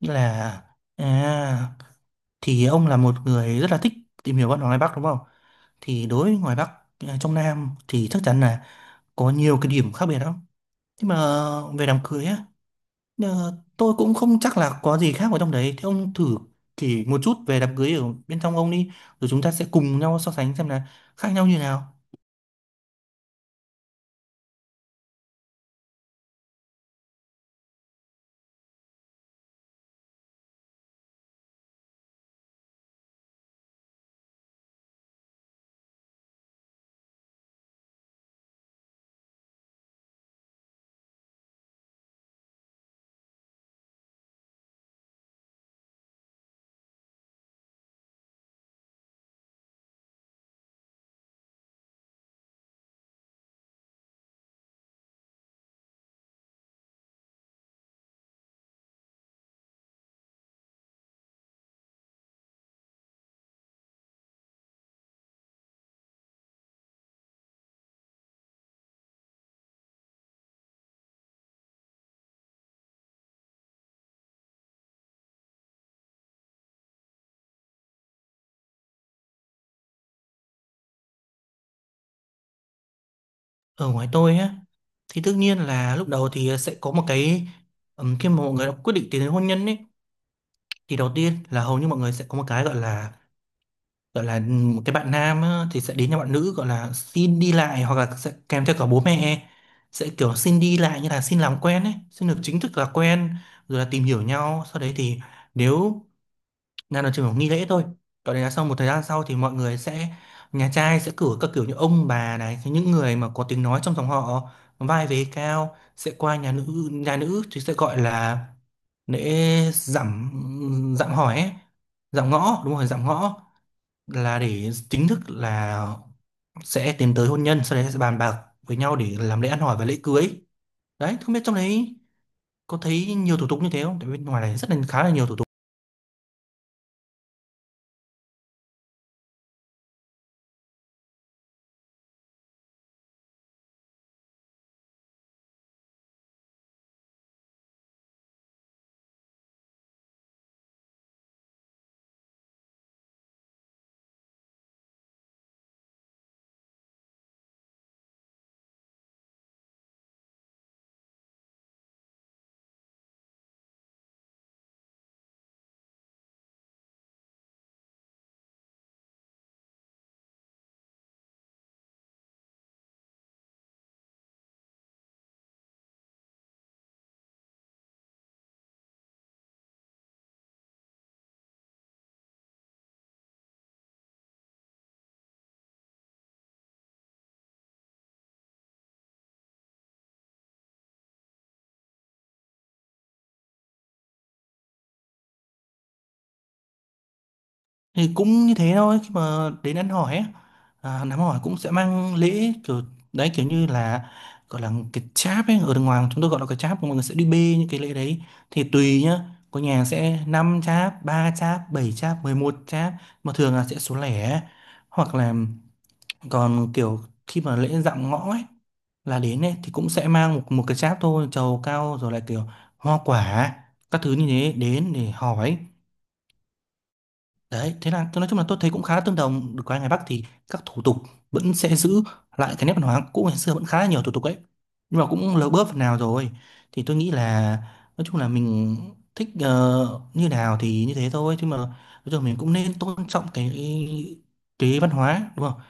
là à, thì ông là một người rất là thích tìm hiểu văn hóa ngoài Bắc đúng không? Thì đối với ngoài Bắc, à, trong Nam thì chắc chắn là có nhiều cái điểm khác biệt lắm. Nhưng mà về đám cưới á, tôi cũng không chắc là có gì khác ở trong đấy. Thì ông thử chỉ một chút về đám cưới ở bên trong ông đi, rồi chúng ta sẽ cùng nhau so sánh xem là khác nhau như nào. Ở ngoài tôi á, thì tất nhiên là lúc đầu thì sẽ có một cái khi mà mọi người đã quyết định tiến đến hôn nhân ấy, thì đầu tiên là hầu như mọi người sẽ có một cái gọi là một cái bạn nam á, thì sẽ đến nhà bạn nữ gọi là xin đi lại hoặc là sẽ kèm theo cả bố mẹ, sẽ kiểu xin đi lại như là xin làm quen ấy, xin được chính thức là quen, rồi là tìm hiểu nhau. Sau đấy thì nếu là nó chỉ một nghi lễ thôi, còn đấy là sau một thời gian sau thì mọi người sẽ, nhà trai sẽ cử các kiểu như ông bà này, những người mà có tiếng nói trong dòng họ, vai vế cao sẽ qua nhà nữ. Nhà nữ thì sẽ gọi là lễ dạm dạm hỏi ấy, dạm ngõ, đúng rồi, dạm ngõ, là để chính thức là sẽ tiến tới hôn nhân. Sau đấy sẽ bàn bạc với nhau để làm lễ ăn hỏi và lễ cưới. Đấy, không biết trong đấy có thấy nhiều thủ tục như thế không, tại bên ngoài này rất là khá là nhiều thủ tục. Thì cũng như thế thôi, khi mà đến ăn hỏi ấy, à, đám hỏi cũng sẽ mang lễ, kiểu đấy, kiểu như là gọi là cái cháp ấy. Ở đàng hoàng chúng tôi gọi là cái cháp, mọi người sẽ đi bê những cái lễ đấy, thì tùy nhá, có nhà sẽ 5 cháp, 3 cháp, 7 cháp, 11 cháp, mà thường là sẽ số lẻ. Hoặc là còn kiểu khi mà lễ dạm ngõ ấy là đến ấy thì cũng sẽ mang một một cái cháp thôi, trầu cao rồi lại kiểu hoa quả các thứ như thế đến để hỏi. Đấy thế là tôi nói chung là tôi thấy cũng khá là tương đồng, được cái ngoài Bắc thì các thủ tục vẫn sẽ giữ lại cái nét văn hóa cũ ngày xưa, vẫn khá là nhiều thủ tục ấy, nhưng mà cũng lỡ bớt phần nào rồi. Thì tôi nghĩ là nói chung là mình thích như nào thì như thế thôi, chứ mà nói chung là mình cũng nên tôn trọng cái văn hóa đúng không.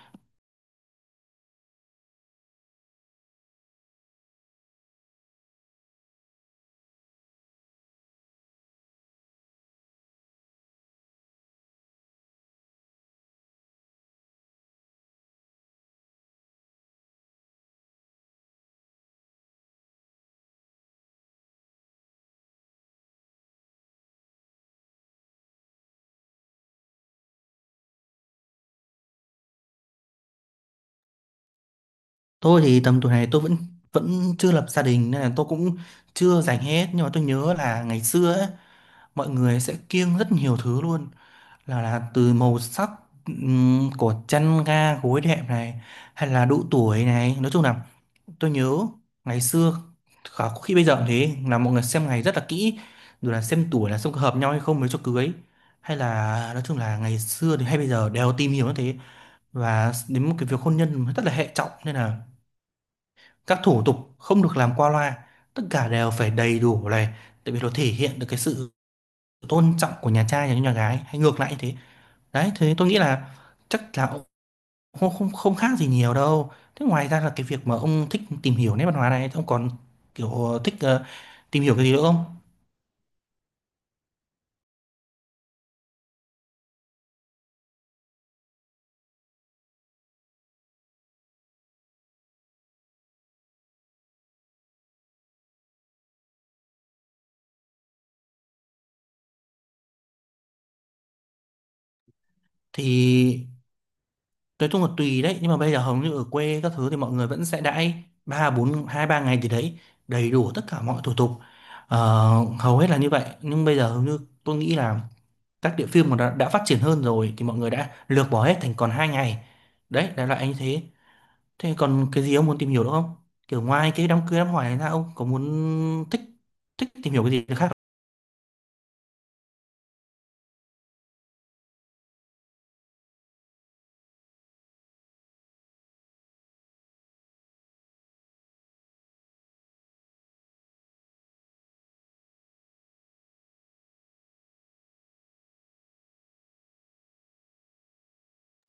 Tôi thì tầm tuổi này tôi vẫn vẫn chưa lập gia đình nên là tôi cũng chưa dành hết, nhưng mà tôi nhớ là ngày xưa ấy, mọi người sẽ kiêng rất nhiều thứ luôn, là từ màu sắc, của chăn ga gối đệm này, hay là độ tuổi này, nói chung là tôi nhớ ngày xưa khả có khi bây giờ cũng thế là mọi người xem ngày rất là kỹ, rồi là xem tuổi, là xem có hợp nhau hay không mới cho cưới. Hay là nói chung là ngày xưa thì hay bây giờ đều tìm hiểu như thế, và đến một cái việc hôn nhân rất là hệ trọng nên là các thủ tục không được làm qua loa, tất cả đều phải đầy đủ này, tại vì nó thể hiện được cái sự tôn trọng của nhà trai dành cho nhà gái hay ngược lại như thế. Đấy thế tôi nghĩ là chắc là ông không không không khác gì nhiều đâu. Thế ngoài ra là cái việc mà ông thích tìm hiểu nét văn hóa này, ông còn kiểu thích tìm hiểu cái gì nữa không? Thì nói chung là tùy đấy, nhưng mà bây giờ hầu như ở quê các thứ thì mọi người vẫn sẽ đãi ba bốn hai ba ngày gì đấy, đầy đủ tất cả mọi thủ tục. Ờ, hầu hết là như vậy, nhưng bây giờ hầu như tôi nghĩ là các địa phương mà đã phát triển hơn rồi thì mọi người đã lược bỏ hết thành còn hai ngày. Đấy đại loại anh thế. Thế còn cái gì ông muốn tìm hiểu nữa không, kiểu ngoài cái đám cưới đám hỏi này ra ông có muốn thích thích tìm hiểu cái gì khác không?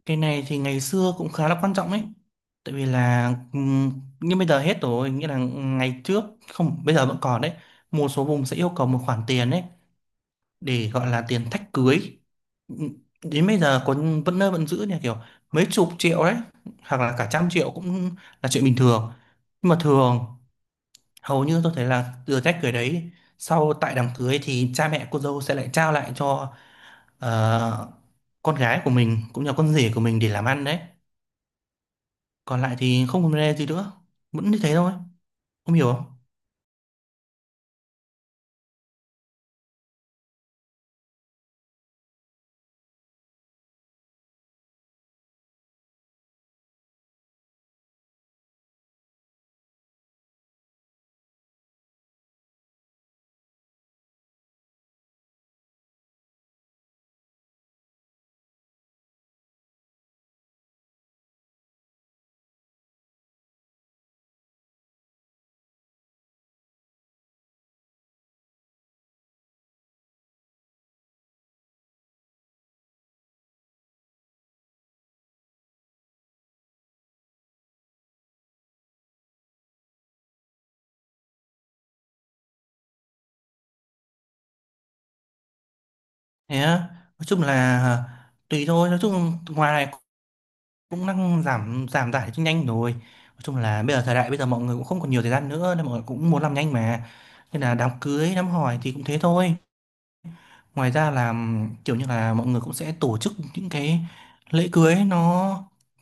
Cái này thì ngày xưa cũng khá là quan trọng ấy, tại vì là ừm, nhưng bây giờ hết rồi, nghĩa là ngày trước, không bây giờ vẫn còn đấy, một số vùng sẽ yêu cầu một khoản tiền đấy để gọi là tiền thách cưới. Ừ, đến bây giờ còn vẫn nơi vẫn giữ nha, kiểu mấy chục triệu đấy, hoặc là cả trăm triệu cũng là chuyện bình thường. Nhưng mà thường hầu như tôi thấy là từ thách cưới đấy, sau tại đám cưới thì cha mẹ cô dâu sẽ lại trao lại cho ờ, con gái của mình cũng như con rể của mình để làm ăn đấy. Còn lại thì không vấn đề gì nữa, vẫn như thế thôi, không hiểu không. Thế á, nói chung là tùy thôi, nói chung ngoài này cũng đang giảm giảm tải cho nhanh rồi. Nói chung là bây giờ thời đại bây giờ mọi người cũng không còn nhiều thời gian nữa nên mọi người cũng muốn làm nhanh mà, nên là đám cưới đám hỏi thì cũng thế thôi. Ngoài ra là kiểu như là mọi người cũng sẽ tổ chức những cái lễ cưới,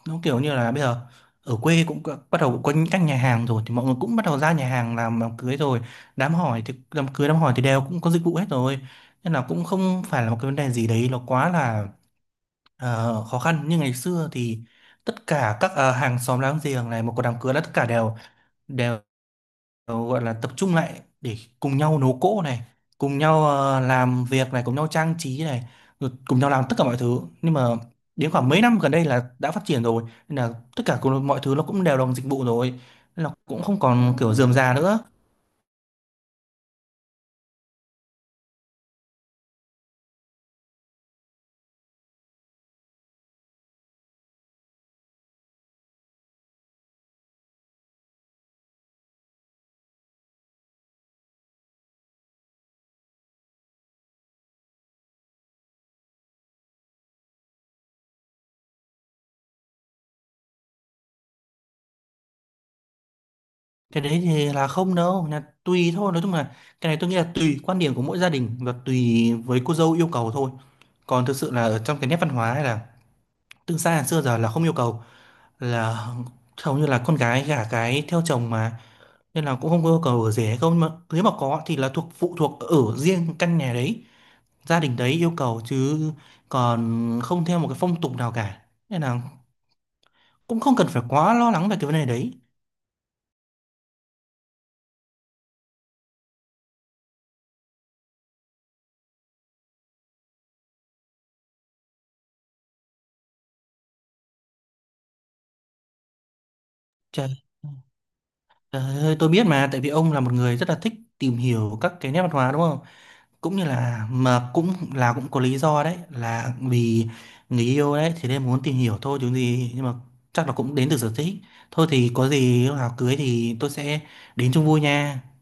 nó kiểu như là bây giờ ở quê cũng có- bắt đầu cũng có những các nhà hàng rồi, thì mọi người cũng bắt đầu ra nhà hàng làm đám cưới rồi. Đám hỏi thì đám cưới đám hỏi thì đều cũng có dịch vụ hết rồi, nên là cũng không phải là một cái vấn đề gì đấy nó quá là, ờ, khó khăn như ngày xưa. Thì tất cả các hàng xóm láng giềng này, một có đám cưới là tất cả đều đều gọi là tập trung lại để cùng nhau nấu cỗ này, cùng nhau làm việc này, cùng nhau trang trí này, rồi cùng nhau làm tất cả mọi thứ. Nhưng mà đến khoảng mấy năm gần đây là đã phát triển rồi, nên là tất cả cùng- mọi thứ nó cũng đều bằng dịch vụ rồi, nên là cũng không còn kiểu rườm rà nữa. Cái đấy thì là không đâu, là tùy thôi. Nói chung là cái này tôi nghĩ là tùy quan điểm của mỗi gia đình và tùy với cô dâu yêu cầu thôi. Còn thực sự là ở trong cái nét văn hóa hay là từ xa xưa giờ là không yêu cầu, là hầu như là con gái gả cái theo chồng mà, nên là cũng không có yêu cầu ở rể hay không. Nhưng mà nếu mà có thì là thuộc phụ thuộc ở riêng căn nhà đấy, gia đình đấy yêu cầu, chứ còn không theo một cái phong tục nào cả, nên là cũng không cần phải quá lo lắng về cái vấn đề đấy. Trời. Trời ơi, tôi biết mà, tại vì ông là một người rất là thích tìm hiểu các cái nét văn hóa đúng không? Cũng như là mà cũng là cũng có lý do đấy, là vì người yêu đấy thì nên muốn tìm hiểu thôi chứ gì, nhưng mà chắc là cũng đến từ sở thích. Thôi thì có gì lúc nào cưới thì tôi sẽ đến chung vui nha.